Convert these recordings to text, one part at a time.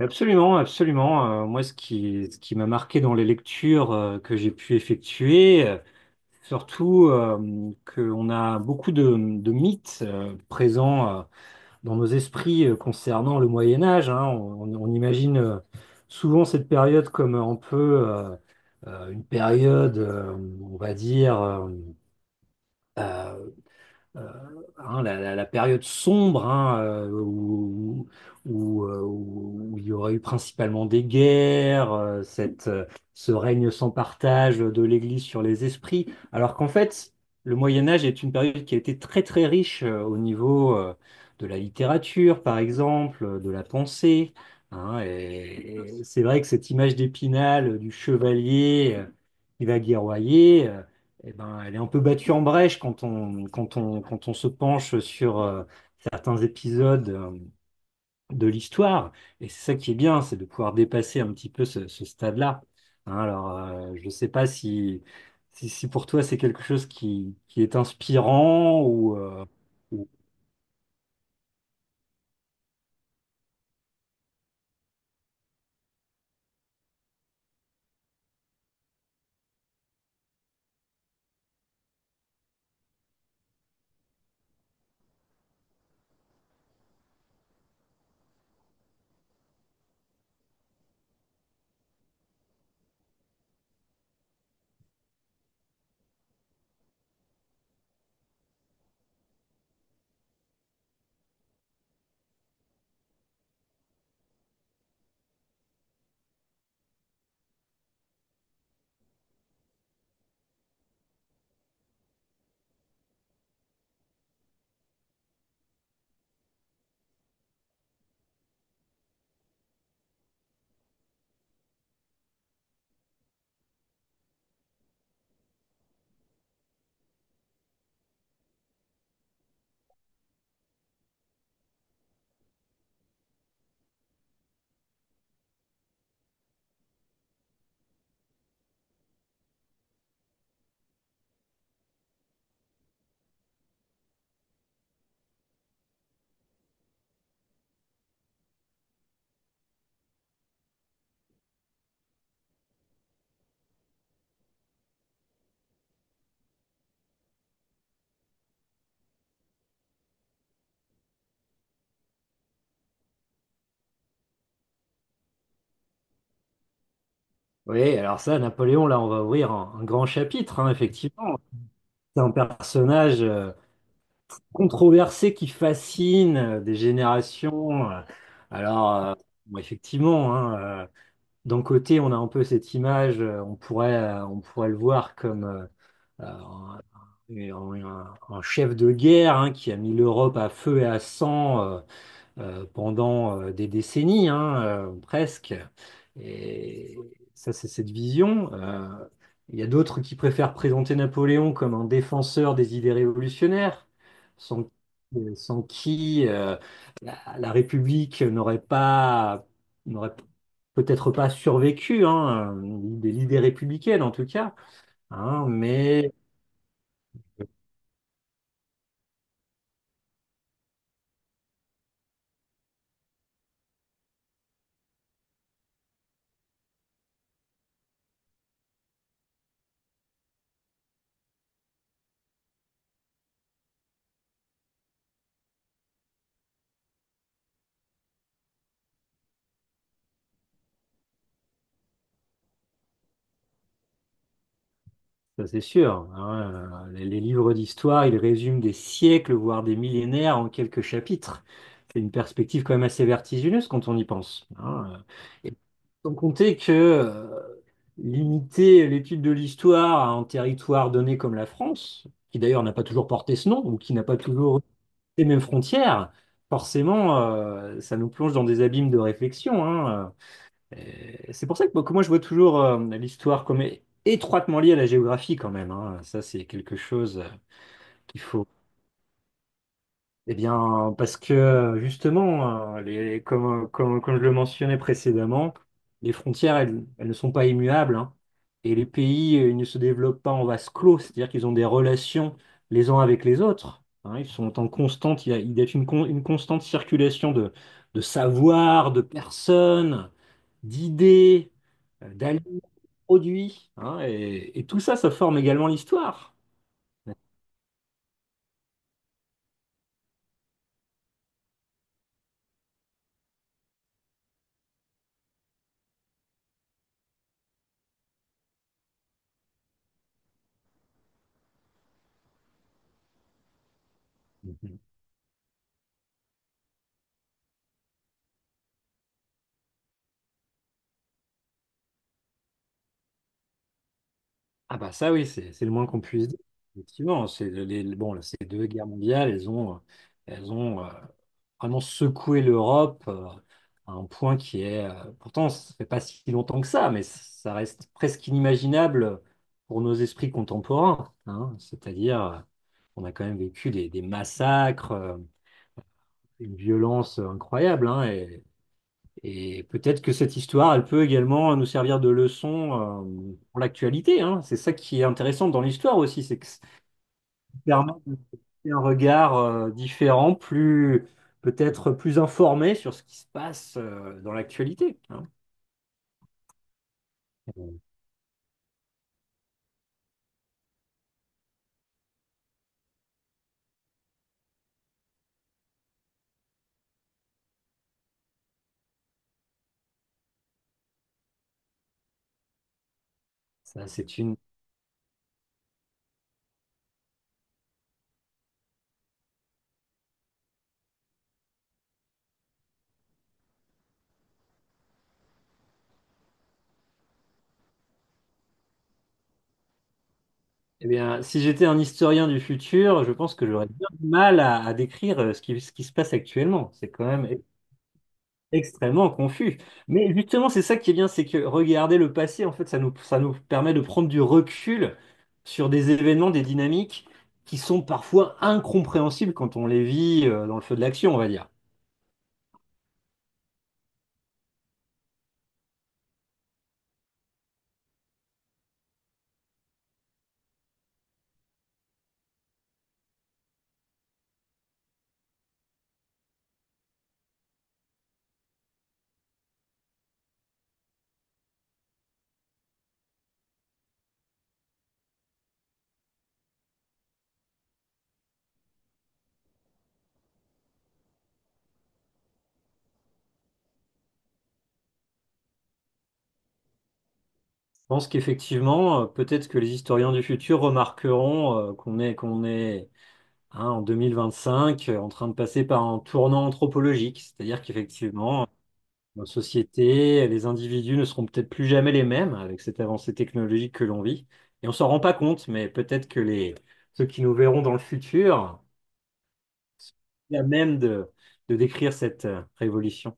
Absolument, absolument. Moi, ce qui m'a marqué dans les lectures que j'ai pu effectuer, surtout qu'on a beaucoup de mythes présents dans nos esprits concernant le Moyen Âge, hein. On imagine souvent cette période comme un peu euh, une période, on va dire, euh, euh, hein, la période sombre hein, où, où il y aurait eu principalement des guerres, ce règne sans partage de l'Église sur les esprits, alors qu'en fait, le Moyen Âge est une période qui a été très très riche au niveau de la littérature, par exemple, de la pensée. Hein, et c'est vrai que cette image d'Épinal, du chevalier qui va guerroyer, eh ben, elle est un peu battue en brèche quand on se penche sur certains épisodes de l'histoire. Et c'est ça qui est bien, c'est de pouvoir dépasser un petit peu ce, ce stade-là. Hein, alors, je ne sais pas si pour toi c'est quelque chose qui est inspirant ou- Oui, alors ça, Napoléon, là, on va ouvrir un grand chapitre, hein, effectivement. C'est un personnage controversé qui fascine des générations. Euh. Alors, bon, effectivement, hein, d'un côté, on a un peu cette image, on pourrait le voir comme un, un chef de guerre hein, qui a mis l'Europe à feu et à sang. Pendant des décennies, hein, presque. Et ça, c'est cette vision. Il y a d'autres qui préfèrent présenter Napoléon comme un défenseur des idées révolutionnaires, sans, sans qui la, la République n'aurait peut-être pas survécu, hein, l'idée républicaine en tout cas. Hein, mais Ça, c'est sûr. Hein, les livres d'histoire, ils résument des siècles, voire des millénaires en quelques chapitres. C'est une perspective quand même assez vertigineuse quand on y pense. Hein. Et sans compter que limiter l'étude de l'histoire à un territoire donné comme la France, qui d'ailleurs n'a pas toujours porté ce nom, ou qui n'a pas toujours les mêmes frontières, forcément, ça nous plonge dans des abîmes de réflexion. Hein. Et c'est pour ça que moi, je vois toujours l'histoire comme étroitement liée à la géographie quand même. Hein. Ça, c'est quelque chose qu'il faut. Eh bien, parce que justement, les, comme je le mentionnais précédemment, les frontières, elles, elles ne sont pas immuables. Hein. Et les pays, ils ne se développent pas en vase clos, c'est-à-dire qu'ils ont des relations les uns avec les autres. Hein. Ils sont en constante, il y a une, une constante circulation de savoir, de personnes d'idées, d'aliments, de produits. Hein, et tout ça, ça forme également l'histoire. Mhm. Ah bah ça oui, c'est le moins qu'on puisse dire. Effectivement, c'est les, bon, là, ces deux guerres mondiales, elles ont vraiment secoué l'Europe à un point qui est, pourtant, ça fait pas si longtemps que ça, mais ça reste presque inimaginable pour nos esprits contemporains. Hein. C'est-à-dire, on a quand même vécu des massacres, une violence incroyable, hein, et peut-être que cette histoire, elle peut également nous servir de leçon pour l'actualité, hein. C'est ça qui est intéressant dans l'histoire aussi, c'est que ça permet de porter un regard différent, plus peut-être plus informé sur ce qui se passe dans l'actualité, hein. Ça, c'est une... Eh bien, si j'étais un historien du futur, je pense que j'aurais bien du mal à décrire ce qui se passe actuellement. C'est quand même extrêmement confus. Mais justement, c'est ça qui est bien, c'est que regarder le passé, en fait, ça nous permet de prendre du recul sur des événements, des dynamiques qui sont parfois incompréhensibles quand on les vit dans le feu de l'action, on va dire. Je pense qu'effectivement, peut-être que les historiens du futur remarqueront qu'on est hein, en 2025 en train de passer par un tournant anthropologique, c'est-à-dire qu'effectivement, nos sociétés, les individus ne seront peut-être plus jamais les mêmes avec cette avancée technologique que l'on vit. Et on s'en rend pas compte, mais peut-être que les, ceux qui nous verront dans le futur, il y a même de décrire cette révolution.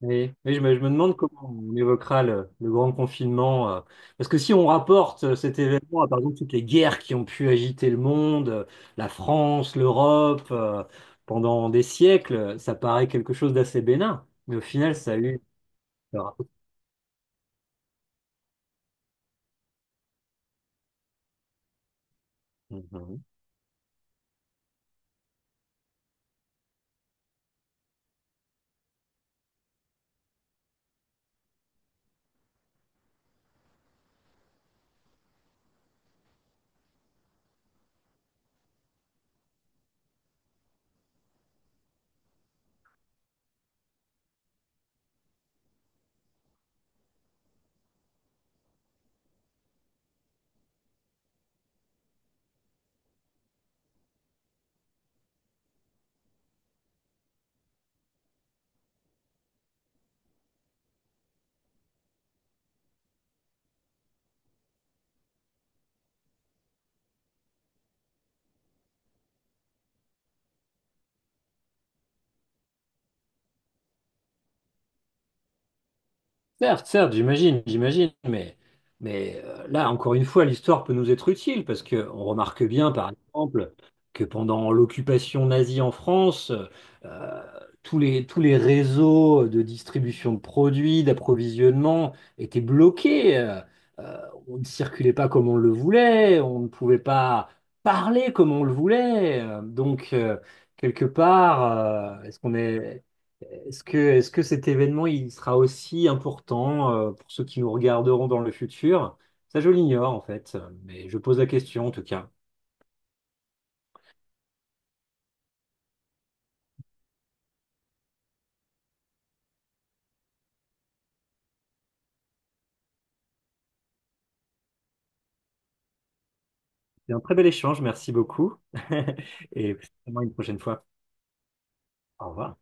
Oui, je me demande comment on évoquera le grand confinement. Parce que si on rapporte cet événement à, par exemple, toutes les guerres qui ont pu agiter le monde, la France, l'Europe, pendant des siècles, ça paraît quelque chose d'assez bénin. Mais au final, ça a eu... Certes, certes, j'imagine, j'imagine, mais là, encore une fois, l'histoire peut nous être utile parce que on remarque bien, par exemple, que pendant l'occupation nazie en France, euh, tous les réseaux de distribution de produits, d'approvisionnement étaient bloqués. Euh, on ne circulait pas comme on le voulait, on ne pouvait pas parler comme on le voulait. Donc, quelque part, est-ce qu'on est... est-ce que cet événement, il sera aussi important pour ceux qui nous regarderont dans le futur? Ça, je l'ignore en fait, mais je pose la question en tout cas. C'est un très bel échange, merci beaucoup. Et certainement une prochaine fois. Au revoir.